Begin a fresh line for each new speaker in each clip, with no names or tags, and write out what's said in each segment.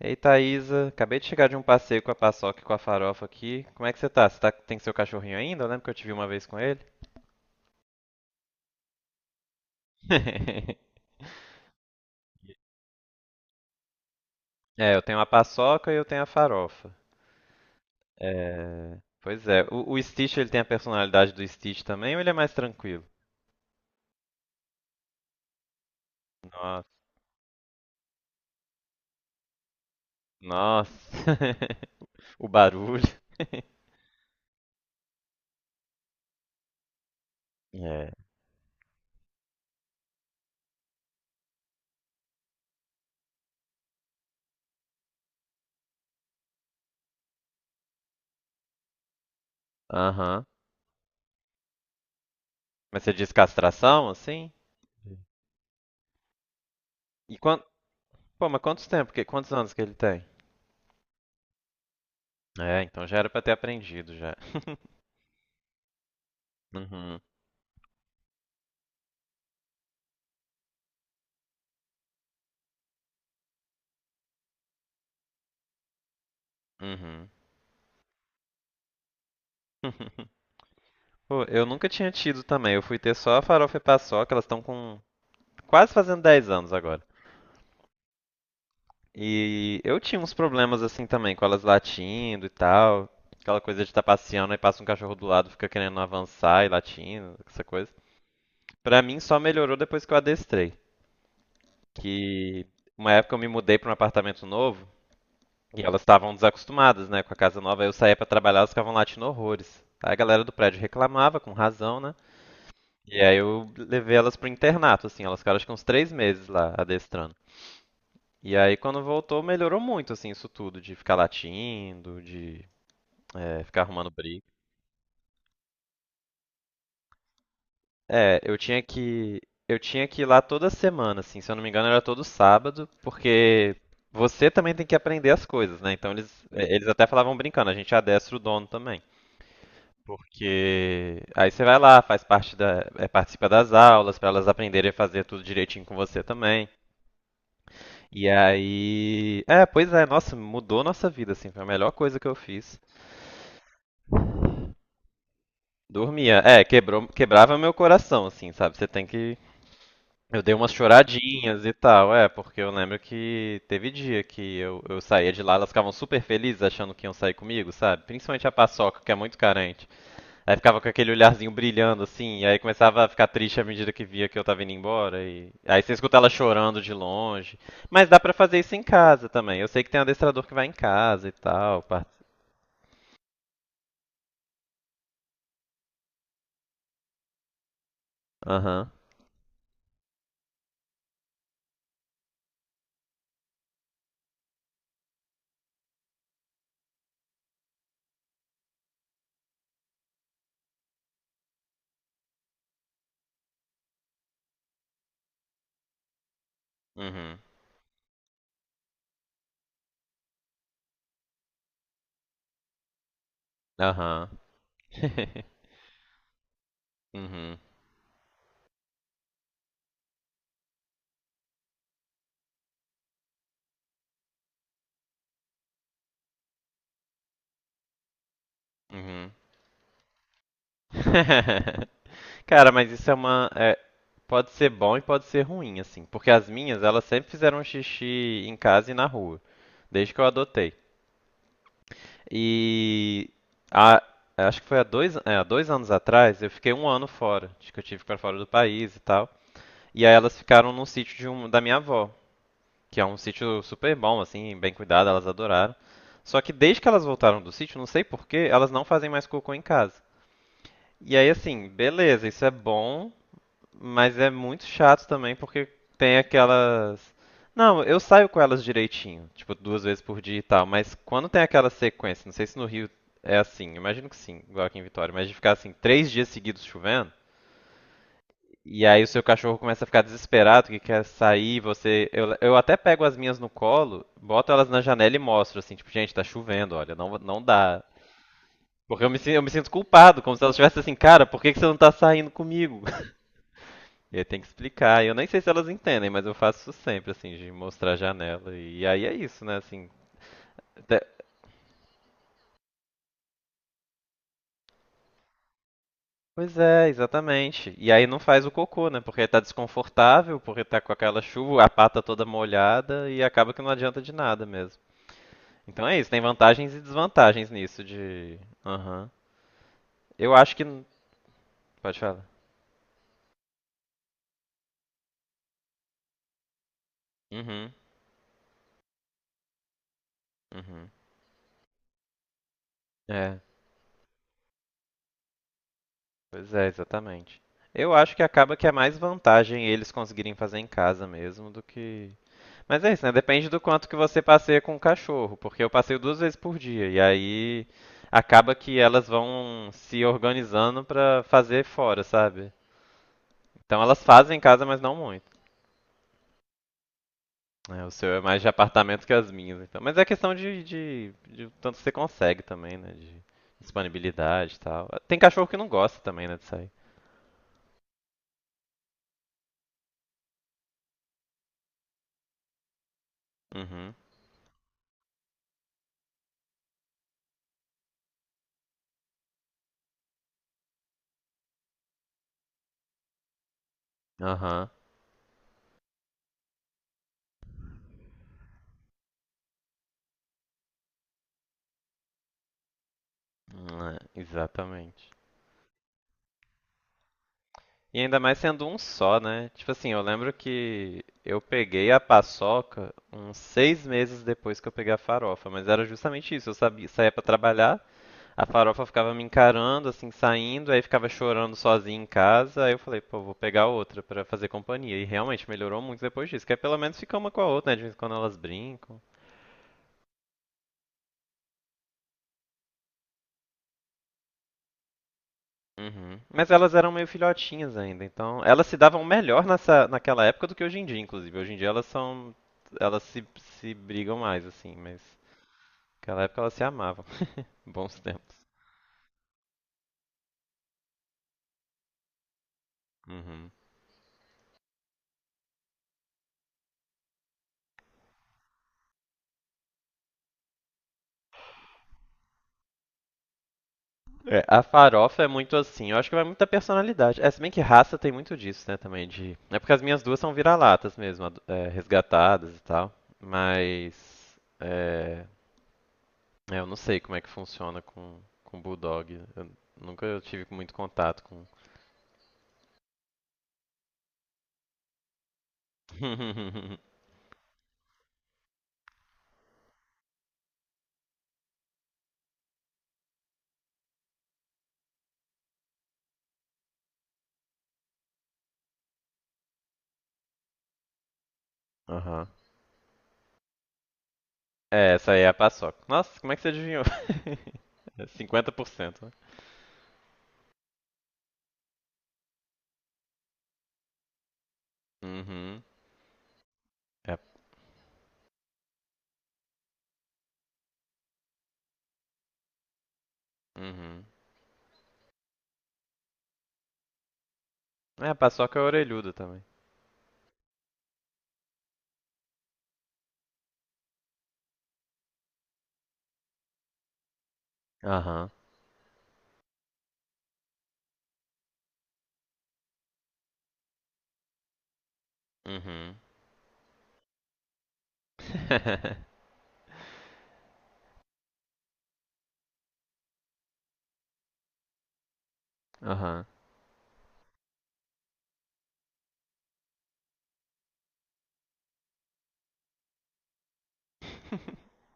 Ei, Thaísa, acabei de chegar de um passeio com a paçoca e com a farofa aqui. Como é que você tá? Você tá, tem seu cachorrinho ainda? Eu lembro que eu te vi uma vez com ele. É, eu tenho a paçoca e eu tenho a farofa. É. Pois é, o Stitch ele tem a personalidade do Stitch também ou ele é mais tranquilo? Nossa, nossa. O barulho. É. Aham. Mas você diz castração, assim? E quanto, Pô, mas quantos tempo? Quantos anos que ele tem? É, então já era pra ter aprendido já. Uhum, uhum. Pô, eu nunca tinha tido também. Eu fui ter só a farofa e paçoca, elas estão com quase fazendo 10 anos agora. E eu tinha uns problemas assim também, com elas latindo e tal. Aquela coisa de estar passeando e passa um cachorro do lado, fica querendo avançar e latindo, essa coisa. Pra mim só melhorou depois que eu adestrei. Que uma época eu me mudei pra um apartamento novo e elas estavam desacostumadas, né, com a casa nova. Aí eu saía pra trabalhar, elas ficavam latindo horrores. Aí a galera do prédio reclamava, com razão, né? E aí eu levei elas pro internato, assim, elas ficaram acho que uns 3 meses lá adestrando. E aí quando voltou melhorou muito, assim, isso tudo, de ficar latindo, de ficar arrumando briga. É, eu tinha que ir lá toda semana, assim, se eu não me engano era todo sábado, porque você também tem que aprender as coisas, né? Então eles até falavam brincando, a gente adestra o dono também. Porque aí você vai lá, faz parte participa das aulas, pra elas aprenderem a fazer tudo direitinho com você também. E aí. É, pois é, nossa, mudou nossa vida, assim, foi a melhor coisa que eu fiz. Dormia. É, quebrou, quebrava meu coração, assim, sabe? Você tem que. Eu dei umas choradinhas e tal, é, porque eu lembro que teve dia que eu saía de lá, elas ficavam super felizes achando que iam sair comigo, sabe? Principalmente a Paçoca, que é muito carente. Aí ficava com aquele olharzinho brilhando, assim, e aí começava a ficar triste à medida que via que eu tava indo embora. E... Aí você escuta ela chorando de longe. Mas dá pra fazer isso em casa também. Eu sei que tem um adestrador que vai em casa e tal. Aham. Uhum. Aham. Uhum. Uhum. Cara, mas isso é uma. É, pode ser bom e pode ser ruim, assim. Porque as minhas, elas sempre fizeram xixi em casa e na rua. Desde que eu adotei. E a- acho que foi há dois anos atrás, eu fiquei um ano fora. Acho que eu tive para fora do país e tal. E aí elas ficaram num sítio de um, da minha avó, que é um sítio super bom, assim, bem cuidado, elas adoraram. Só que desde que elas voltaram do sítio, não sei porquê, elas não fazem mais cocô em casa. E aí, assim, beleza, isso é bom, mas é muito chato também porque tem aquelas. Não, eu saio com elas direitinho, tipo duas vezes por dia e tal, mas quando tem aquela sequência, não sei se no Rio é assim, imagino que sim, igual aqui em Vitória, mas de ficar assim 3 dias seguidos chovendo, e aí o seu cachorro começa a ficar desesperado, que quer sair, você. Eu até pego as minhas no colo, boto elas na janela e mostro, assim, tipo, gente, tá chovendo, olha, não, não dá. Porque eu me sinto culpado, como se elas estivessem assim, cara, por que que você não tá saindo comigo? E aí tem que explicar. Eu nem sei se elas entendem, mas eu faço isso sempre, assim, de mostrar a janela. E aí é isso, né? Assim, até- Pois é, exatamente. E aí não faz o cocô, né? Porque tá desconfortável, porque tá com aquela chuva, a pata toda molhada e acaba que não adianta de nada mesmo. Então é isso, tem vantagens e desvantagens nisso de. Aham. Eu acho que. Pode falar. Uhum, uhum. É, pois é, exatamente. Eu acho que acaba que é mais vantagem eles conseguirem fazer em casa mesmo do que. Mas é isso, né? Depende do quanto que você passeia com o cachorro, porque eu passeio duas vezes por dia e aí acaba que elas vão se organizando pra fazer fora, sabe? Então elas fazem em casa, mas não muito. É, o seu é mais de apartamento que as minhas, então. Mas é questão de tanto que você consegue também, né? De disponibilidade e tal. Tem cachorro que não gosta também, né, de sair. Uhum. Aham. É, exatamente. E ainda mais sendo um só, né? Tipo assim, eu lembro que eu peguei a paçoca uns 6 meses depois que eu peguei a farofa, mas era justamente isso. Eu sabia, saía pra trabalhar, a farofa ficava me encarando, assim, saindo, aí ficava chorando sozinha em casa. Aí eu falei, pô, vou pegar outra pra fazer companhia. E realmente melhorou muito depois disso, que aí pelo menos fica uma com a outra, né? De vez em quando elas brincam. Uhum. Mas elas eram meio filhotinhas ainda, então elas se davam melhor nessa, naquela época do que hoje em dia, inclusive. Hoje em dia elas são, elas se brigam mais assim, mas naquela época elas se amavam. Bons tempos. Uhum. É, a farofa é muito assim, eu acho que vai muito da personalidade. É, se bem que raça tem muito disso, né, também de. É porque as minhas duas são vira-latas mesmo, resgatadas e tal, mas é, eu não sei como é que funciona com bulldog. Eu nunca tive muito contato com Aham. É, essa aí é a paçoca. Nossa, como é que você adivinhou? É 50%, né? Uhum. É. Uhum. É, a paçoca é orelhuda também. Aham. Uhum. Aham.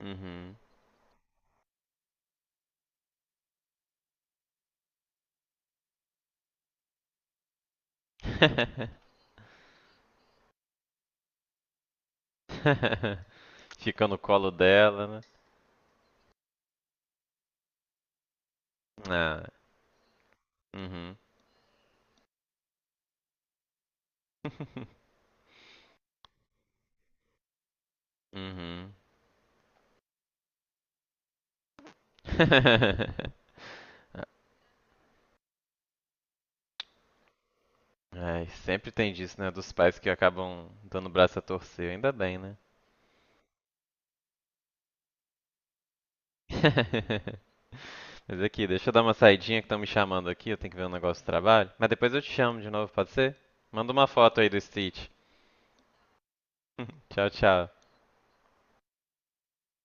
Uhum. Fica no colo dela, né? Ah. Uhum. Uhum. Ai, sempre tem disso, né? Dos pais que acabam dando o braço a torcer. Ainda bem, né? Mas aqui, deixa eu dar uma saidinha que estão me chamando aqui, eu tenho que ver um negócio de trabalho. Mas depois eu te chamo de novo, pode ser? Manda uma foto aí do Stitch. Tchau, tchau.